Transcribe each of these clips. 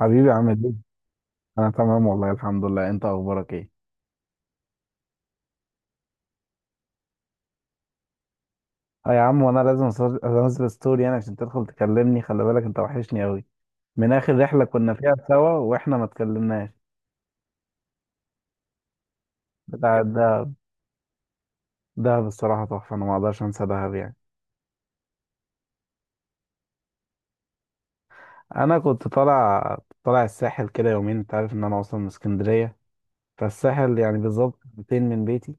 حبيبي، عامل ايه؟ انا تمام والله الحمد لله. انت اخبارك ايه؟ اه يا عم، وانا لازم انزل ستوري يعني عشان تدخل تكلمني. خلي بالك، انت وحشني قوي من اخر رحلة كنا فيها سوا واحنا ما اتكلمناش. بتاع الدهب دهب الصراحة تحفة. انا ما اقدرش انسى دهب يعني. انا كنت طالع الساحل كده يومين. انت عارف ان انا اصلا من اسكندرية، فالساحل يعني بالظبط 200 من بيتي.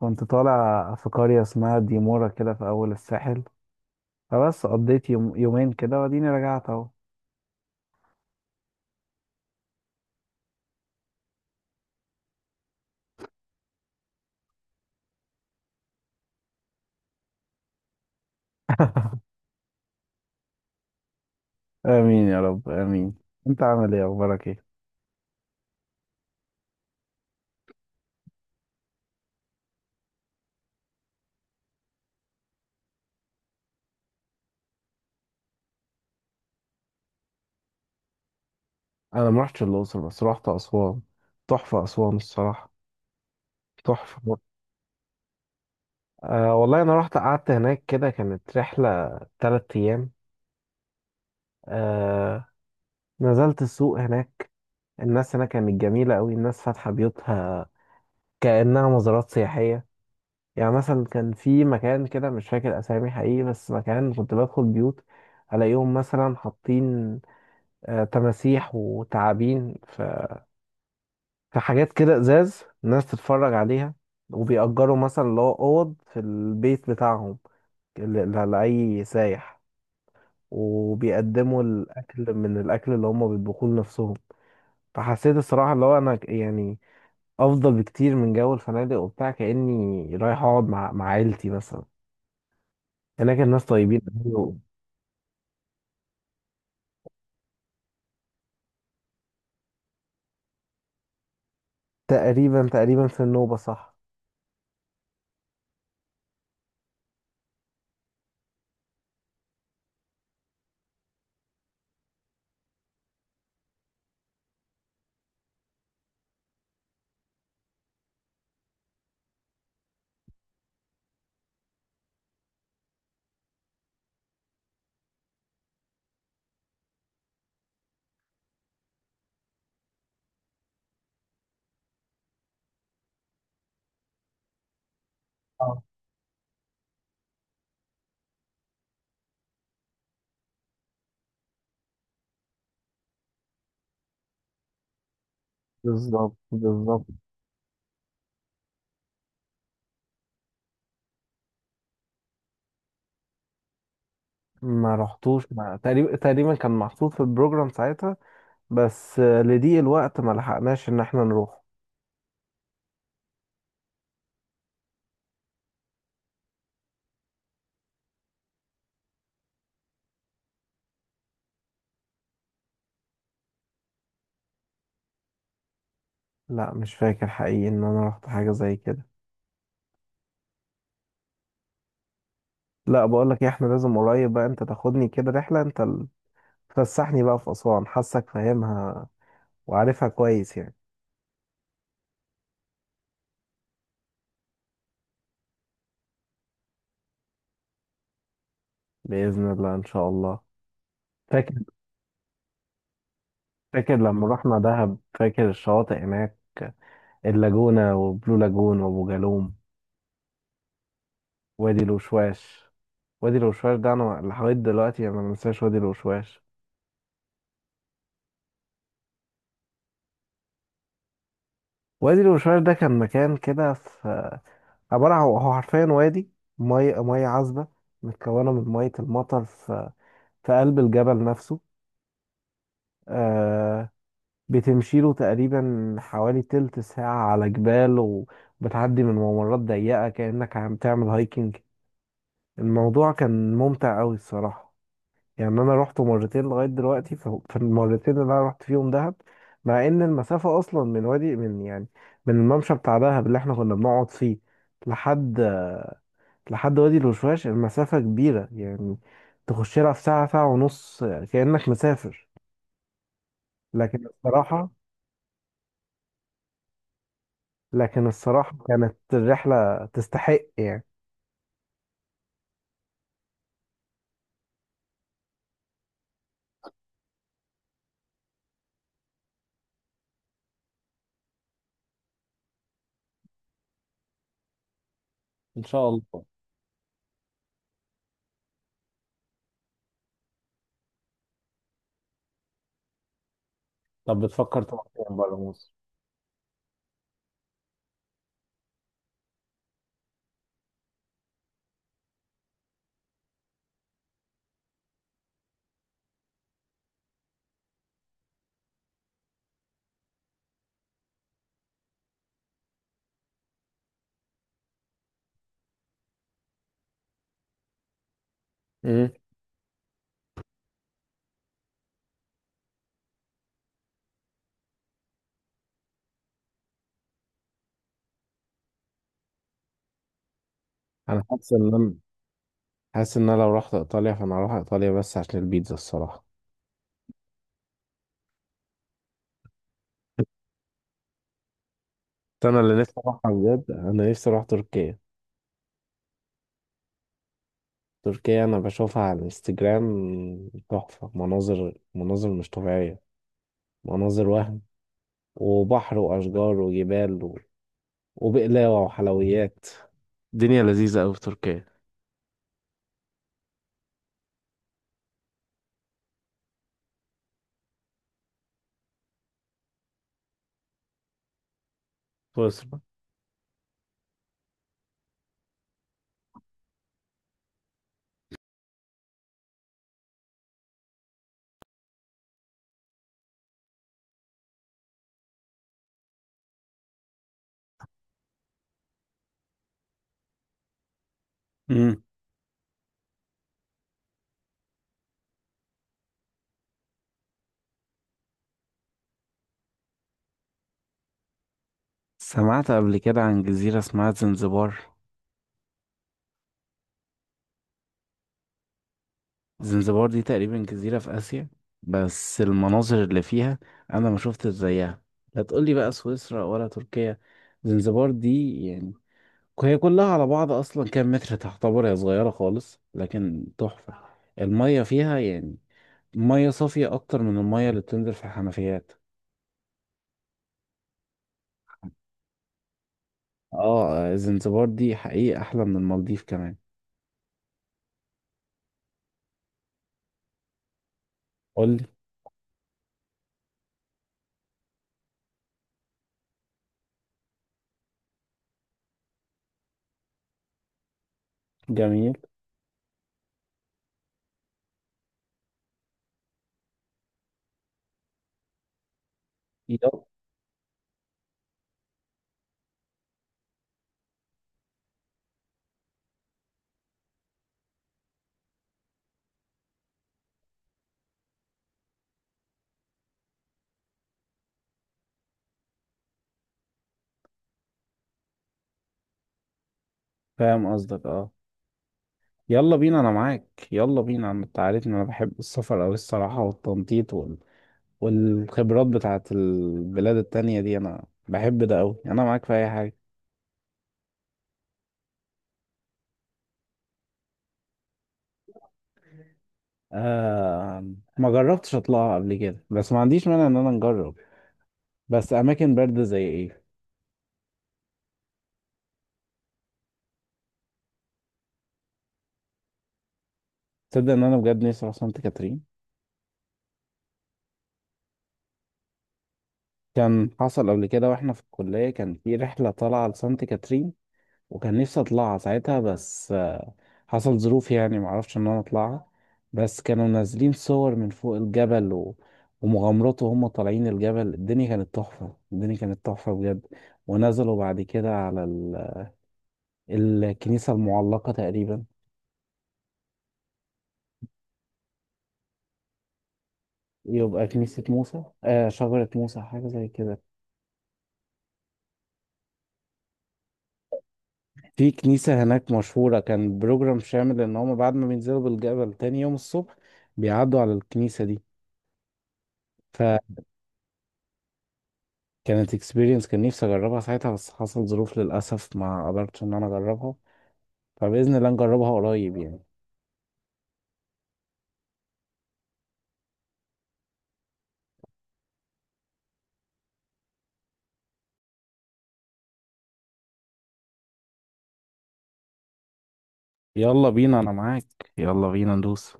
كنت طالع في قرية اسمها ديمورا كده في اول الساحل. فبس قضيت يوم يومين كده واديني رجعت اهو. امين يا رب امين. انت عامل ايه؟ اخبارك ايه؟ انا ما رحتش الاقصر بس رحت اسوان. تحفه اسوان الصراحه، تحفه. أه والله انا رحت قعدت هناك كده، كانت رحله تلات ايام. أه، نزلت السوق هناك. الناس هناك كانت جميله قوي، الناس فاتحه بيوتها كانها مزارات سياحيه. يعني مثلا كان في مكان كده، مش فاكر اسامي حقيقي، بس مكان كنت بدخل بيوت الاقيهم مثلا حاطين تماسيح وتعابين. في حاجات كده ازاز الناس تتفرج عليها. وبيأجروا مثلا اللي هو اوض في البيت بتاعهم ل- لأي سايح، وبيقدموا الاكل من الاكل اللي هم بيطبخوه لنفسهم. فحسيت الصراحه اللي هو انا يعني افضل بكتير من جو الفنادق وبتاع، كاني رايح اقعد مع عيلتي مثلا. هناك الناس طيبين أوي. تقريبا تقريبا في النوبه صح. اه بالظبط بالظبط. ما رحتوش ما تقريبا تقريبا كان محطوط في البروجرام ساعتها، بس لضيق الوقت ما لحقناش ان احنا نروح. لا مش فاكر حقيقي ان انا رحت حاجة زي كده. لا، بقول لك إيه، احنا لازم قريب بقى انت تاخدني كده رحلة، انت تفسحني بقى في اسوان. حاسك فاهمها وعارفها كويس يعني. بإذن الله، ان شاء الله. فاكر فاكر لما رحنا دهب؟ فاكر الشواطئ هناك؟ اللاجونة وبلو لاجون وابو جالوم، وادي الوشواش. وادي الوشواش ده انا لحد دلوقتي انا ما انساش وادي الوشواش. وادي الوشواش ده كان مكان كده، في عبارة عن هو حرفيا وادي، مية مية عذبة متكونة من مية المطر في قلب الجبل نفسه. آه بتمشيله تقريبا حوالي تلت ساعة على جبال وبتعدي من ممرات ضيقة كأنك عم تعمل هايكنج. الموضوع كان ممتع أوي الصراحة. يعني أنا روحته مرتين لغاية دلوقتي في المرتين اللي أنا رحت فيهم دهب، مع إن المسافة أصلا من يعني من الممشى بتاع دهب اللي إحنا كنا بنقعد فيه لحد لحد وادي الوشواش، المسافة كبيرة يعني، تخش لها في ساعة ساعة ونص كأنك مسافر. لكن الصراحة لكن الصراحة كانت الرحلة تستحق يعني. ان شاء الله. طب بتفكر تروح فين بره مصر؟ امم انا حاسس ان انا لو رحت ايطاليا، فانا هروح ايطاليا بس عشان البيتزا الصراحة. بس انا اللي نفسي اروحها بجد، انا نفسي اروح تركيا. تركيا انا بشوفها على الانستجرام تحفة، مناظر، مناظر مش طبيعية، مناظر وهم، وبحر واشجار وجبال وبقلاوة وحلويات. الدنيا لذيذة أوي في تركيا. بصرة. امم سمعت قبل كده عن جزيرة اسمها زنزبار. زنزبار دي تقريبا جزيرة في آسيا، بس المناظر اللي فيها أنا ما شفتش زيها. لا تقولي بقى سويسرا ولا تركيا، زنزبار دي يعني، هي كلها على بعض أصلا كام متر، تعتبر هي صغيرة خالص لكن تحفة. المية فيها يعني مية صافية أكتر من المية اللي بتنزل في الحنفيات. اه زنزبار دي حقيقة احلى من المالديف كمان. قولي. جميل. يلا. فاهم قصدك، اه. يلا بينا، انا معاك. يلا بينا، انت عارفني انا بحب السفر اوي الصراحة، والتنطيط والخبرات بتاعت البلاد التانية دي، انا بحب ده اوي. انا معاك في اي حاجة. آه، ما جربتش اطلعها قبل كده بس ما عنديش مانع ان انا نجرب. بس اماكن باردة زي ايه؟ تصدق ان انا بجد نفسي اروح سانت كاترين. كان حصل قبل كده واحنا في الكلية، كان في رحلة طالعة لسانت كاترين، وكان نفسي اطلعها ساعتها، بس حصل ظروف يعني معرفش ان انا اطلعها. بس كانوا نازلين صور من فوق الجبل ومغامرات وهم طالعين الجبل، الدنيا كانت تحفة، الدنيا كانت تحفة بجد. ونزلوا بعد كده على الكنيسة المعلقة تقريبا. يبقى كنيسة موسى، شجرة موسى، حاجة زي كده. في كنيسة هناك مشهورة، كان بروجرام شامل ان هم بعد ما بينزلوا بالجبل تاني يوم الصبح بيعدوا على الكنيسة دي. ف كانت اكسبيرينس، كان نفسي اجربها ساعتها بس حصل ظروف للاسف، ما قدرتش ان انا اجربها. فباذن الله نجربها قريب يعني. يلا بينا انا معاك، يلا بينا ندوس.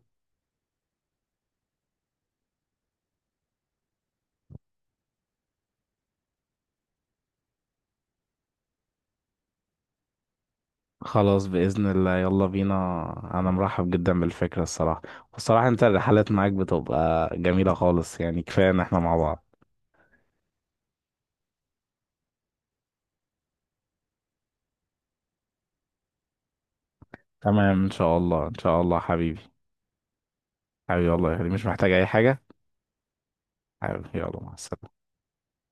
خلاص باذن الله، يلا بينا. انا مرحب جدا بالفكره الصراحه. والصراحه انت الرحلات معاك بتبقى جميله خالص يعني، كفايه ان احنا مع بعض. تمام ان شاء الله، ان شاء الله حبيبي. حبيبي والله يا غالي. مش محتاج اي حاجه. حبيبي، يلا مع السلامه.